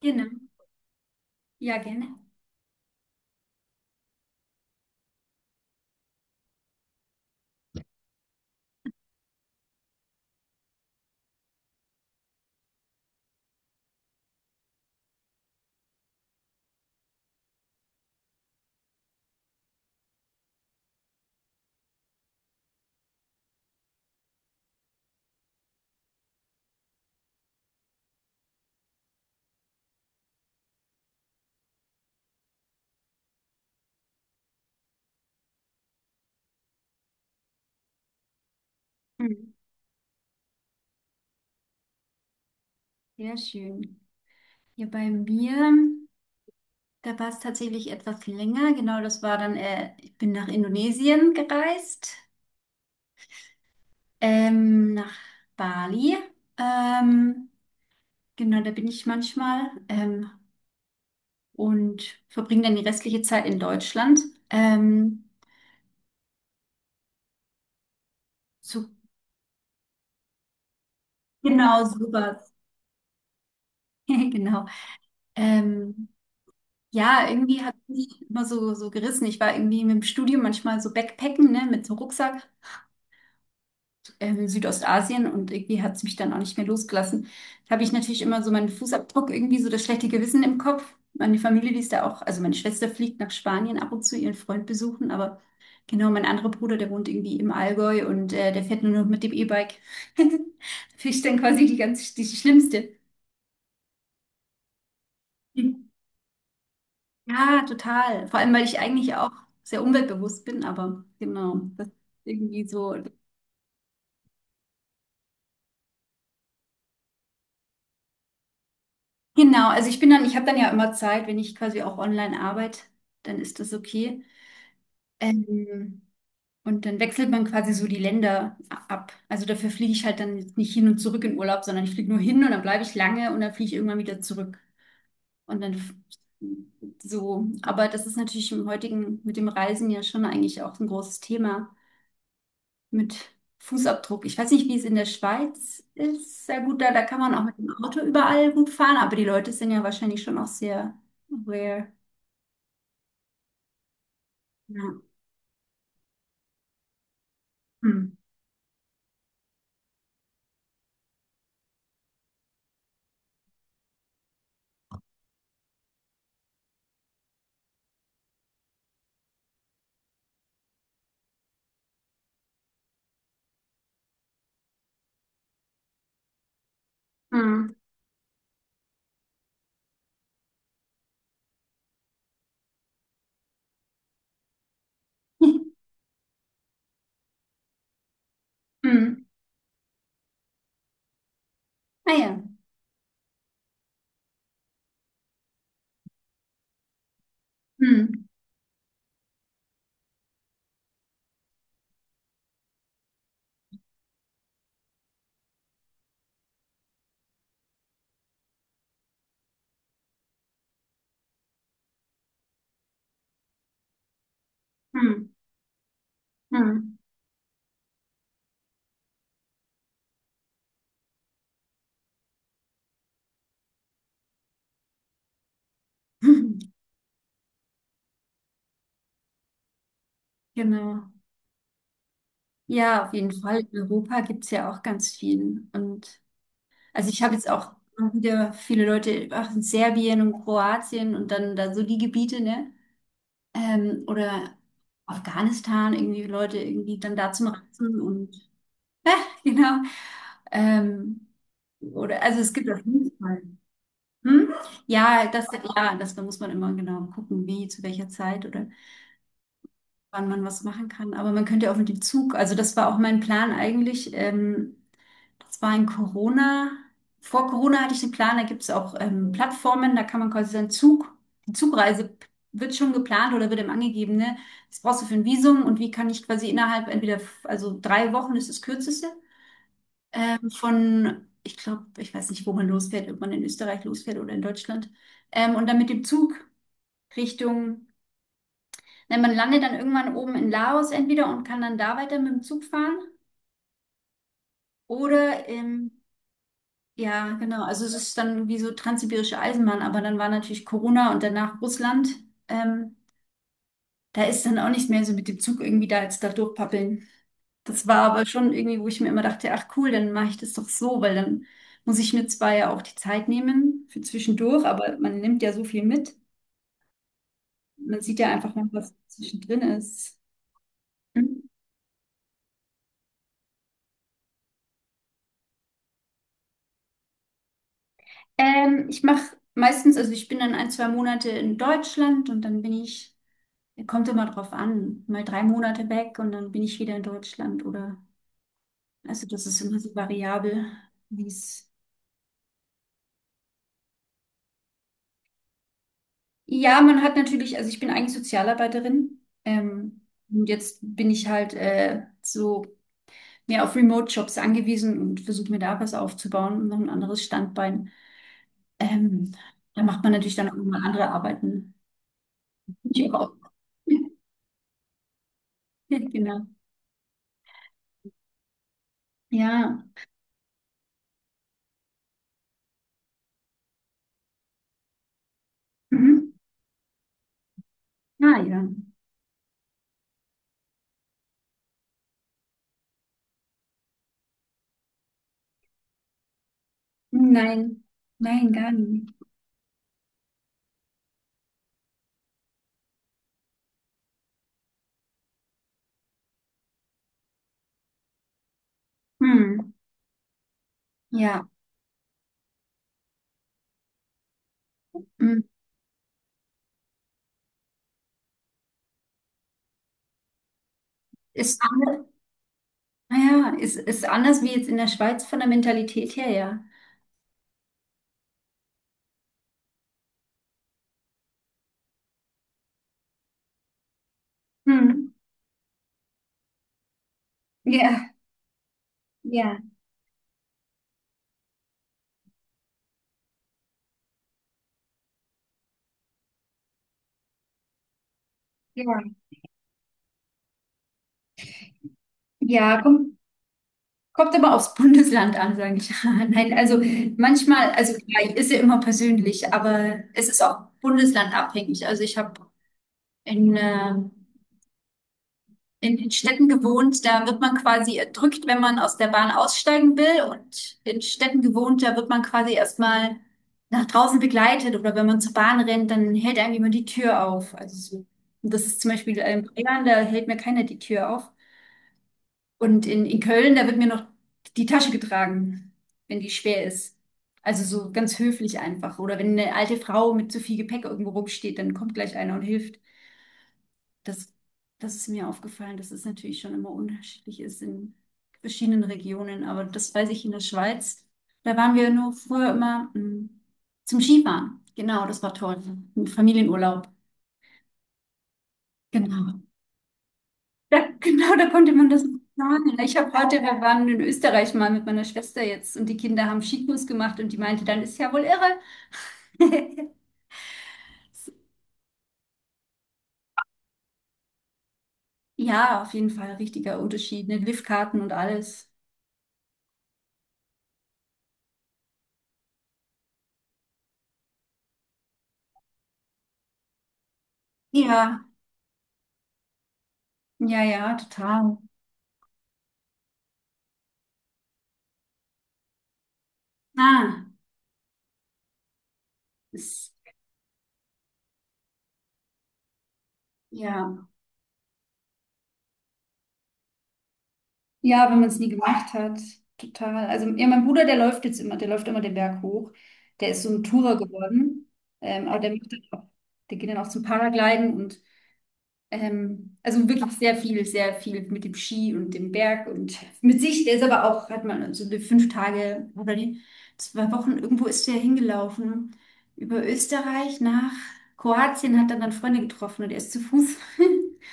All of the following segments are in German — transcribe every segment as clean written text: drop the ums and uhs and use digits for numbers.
Genau, ja, gerne. Mhm. Sehr schön. Ja, bei mir, da war es tatsächlich etwas länger. Genau, das war dann, ich bin nach Indonesien gereist, nach Bali. Ähm, genau, da bin ich manchmal und verbringe dann die restliche Zeit in Deutschland. Ähm, so, genau, super. Genau. Ähm, ja, irgendwie hat mich immer so, so gerissen. Ich war irgendwie mit dem Studium manchmal so Backpacken, ne, mit so Rucksack. Südostasien und irgendwie hat es mich dann auch nicht mehr losgelassen. Da habe ich natürlich immer so meinen Fußabdruck, irgendwie so das schlechte Gewissen im Kopf. Meine Familie, die ist da auch, also meine Schwester fliegt nach Spanien ab und zu ihren Freund besuchen, aber genau, mein anderer Bruder, der wohnt irgendwie im Allgäu und der fährt nur noch mit dem E-Bike. Da bin ich dann quasi die ganz, die Schlimmste. Ja, total. Vor allem, weil ich eigentlich auch sehr umweltbewusst bin, aber genau, das ist irgendwie so. Genau, also ich bin dann, ich habe dann ja immer Zeit, wenn ich quasi auch online arbeite, dann ist das okay. Ähm, und dann wechselt man quasi so die Länder ab. Also dafür fliege ich halt dann jetzt nicht hin und zurück in Urlaub, sondern ich fliege nur hin und dann bleibe ich lange und dann fliege ich irgendwann wieder zurück. Und dann so. Aber das ist natürlich im heutigen, mit dem Reisen ja schon eigentlich auch ein großes Thema mit Fußabdruck. Ich weiß nicht, wie es in der Schweiz ist. Sehr gut, da, da kann man auch mit dem Auto überall gut fahren, aber die Leute sind ja wahrscheinlich schon auch sehr aware. Ja. Hm. Hm. Hm. Naja. Hm. Hm. Hm. Genau. Ja, auf jeden Fall. In Europa gibt es ja auch ganz viel. Und also ich habe jetzt auch wieder viele Leute auch in Serbien und Kroatien und dann da so die Gebiete, ne? Oder Afghanistan, irgendwie Leute irgendwie dann da zum Reisen und genau. Ähm, oder also es gibt auf jeden Fall. Hm? Ja, das, ja, das, da muss man immer genau gucken, wie, zu welcher Zeit oder wann man was machen kann. Aber man könnte ja auch mit dem Zug, also das war auch mein Plan eigentlich. Das war in Corona. Vor Corona hatte ich den Plan, da gibt es auch Plattformen, da kann man quasi seinen Zug, die Zugreise wird schon geplant oder wird eben angegeben, ne? Was brauchst du für ein Visum und wie kann ich quasi innerhalb entweder, also 3 Wochen ist das Kürzeste, von, ich glaube, ich weiß nicht, wo man losfährt, ob man in Österreich losfährt oder in Deutschland, und dann mit dem Zug Richtung. Ne, man landet dann irgendwann oben in Laos entweder und kann dann da weiter mit dem Zug fahren oder ja, genau. Also es ist dann wie so transsibirische Eisenbahn, aber dann war natürlich Corona und danach Russland. Ähm, da ist dann auch nicht mehr so mit dem Zug irgendwie da jetzt da durchpappeln. Das war aber schon irgendwie, wo ich mir immer dachte, ach cool, dann mache ich das doch so, weil dann muss ich mir zwar ja auch die Zeit nehmen für zwischendurch, aber man nimmt ja so viel mit. Man sieht ja einfach noch, was zwischendrin ist. Ich mache meistens, also ich bin dann ein, 2 Monate in Deutschland und dann bin ich, kommt immer drauf an, mal 3 Monate weg und dann bin ich wieder in Deutschland oder, also das ist immer so variabel, wie es. Ja, man hat natürlich, also ich bin eigentlich Sozialarbeiterin, und jetzt bin ich halt so mehr auf Remote-Jobs angewiesen und versuche mir da was aufzubauen und noch ein anderes Standbein. Ähm, da macht man natürlich dann auch immer andere Arbeiten. Ja, genau. Ja. Mhm. Ah ja. Nein, nein, gar nicht. Hm. Ja. Hm. Ist anders, naja, ist anders wie jetzt in der Schweiz von der Mentalität her, ja. Hm. Ja, ja, ja. Ja, kommt, kommt aber aufs Bundesland an, sage ich. Nein, also manchmal, also klar, ist ja immer persönlich, aber es ist auch bundeslandabhängig. Also ich habe in, äh, in den Städten gewohnt, da wird man quasi erdrückt, wenn man aus der Bahn aussteigen will. Und in Städten gewohnt, da wird man quasi erstmal nach draußen begleitet. Oder wenn man zur Bahn rennt, dann hält einem jemand die Tür auf. Also so. Und das ist zum Beispiel in Bayern, da hält mir keiner die Tür auf. Und in Köln, da wird mir noch die Tasche getragen, wenn die schwer ist. Also so ganz höflich einfach. Oder wenn eine alte Frau mit zu viel Gepäck irgendwo rumsteht, dann kommt gleich einer und hilft. Das, das ist mir aufgefallen, dass es natürlich schon immer unterschiedlich ist in verschiedenen Regionen. Aber das weiß ich in der Schweiz. Da waren wir nur früher immer zum Skifahren. Genau, das war toll. Ein Familienurlaub. Genau. Da, genau, da konnte man das planen. Ich habe heute, wir waren in Österreich mal mit meiner Schwester jetzt und die Kinder haben Skikurs gemacht und die meinte, dann ist ja wohl irre. Ja, auf jeden Fall richtiger Unterschied. Ne? Liftkarten und alles. Ja, ja, ja, total. Ah. Ist, ja, ja, wenn man es nie gemacht hat, total. Also ja, mein Bruder, der läuft jetzt immer, der läuft immer den Berg hoch. Der ist so ein Tourer geworden, aber der macht dann auch, der geht dann auch zum Paragliden und also wirklich sehr viel mit dem Ski und dem Berg und mit sich. Der ist aber auch, hat man so die 5 Tage oder die 2 Wochen irgendwo ist der hingelaufen über Österreich nach Kroatien, hat dann Freunde getroffen und er ist zu Fuß.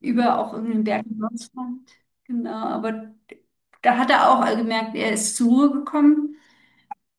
über auch irgendeinen Berg in Deutschland. Genau, aber da hat er auch gemerkt, er ist zur Ruhe gekommen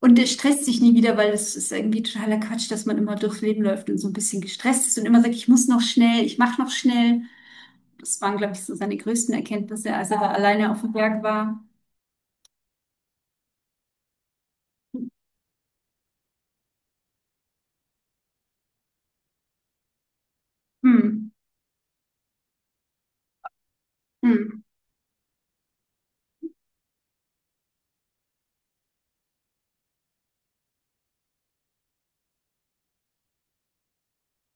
und er stresst sich nie wieder, weil es ist irgendwie totaler Quatsch, dass man immer durchs Leben läuft und so ein bisschen gestresst ist und immer sagt, ich muss noch schnell, ich mache noch schnell. Das waren, glaube ich, so seine größten Erkenntnisse, als er da alleine auf dem Berg war. Hm, hm,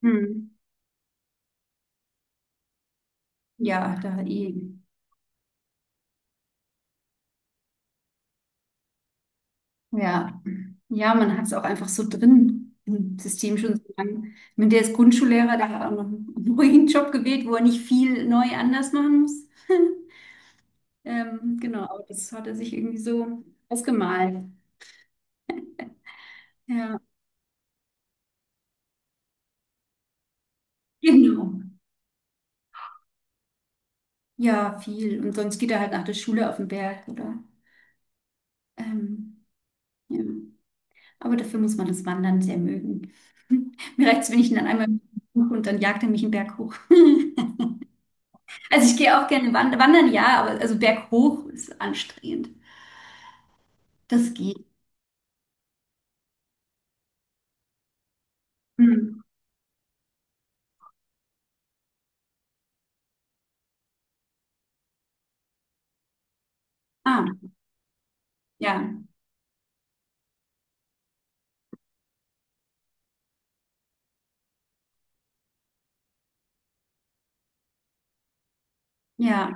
hm. Ja, da eh. Ja, ja, man hat es auch einfach so drin im System schon so lange. Wenn der ist Grundschullehrer, der hat auch noch einen ruhigen Job gewählt, wo er nicht viel neu anders machen muss. Genau, aber das hat er sich irgendwie so ausgemalt. Ja, genau. Ja, viel. Und sonst geht er halt nach der Schule auf den Berg oder. Ähm, ja. Aber dafür muss man das Wandern sehr mögen. Mir reicht es, wenn ich ihn dann einmal buche und dann jagt er mich einen Berg hoch. Also ich gehe auch gerne wandern. Wandern ja, aber also berghoch ist anstrengend. Das geht. Hm. Ah, ja, ja,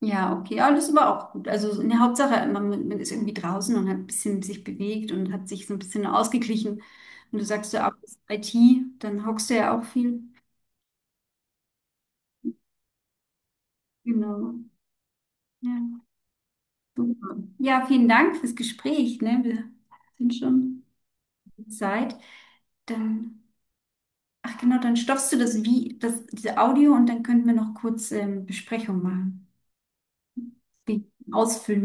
ja, okay. Ja, das ist aber auch gut. Also in der Hauptsache, man ist irgendwie draußen und hat ein bisschen sich bewegt und hat sich so ein bisschen ausgeglichen. Und du sagst ja auch, das ist IT, dann hockst du ja auch viel. Genau. Ja, super. Ja, vielen Dank fürs Gespräch, ne? Wir sind schon Zeit. Dann Ach genau, dann stoppst du das wie, das, diese Audio und dann könnten wir noch kurz Besprechung machen. Die ausfüllen.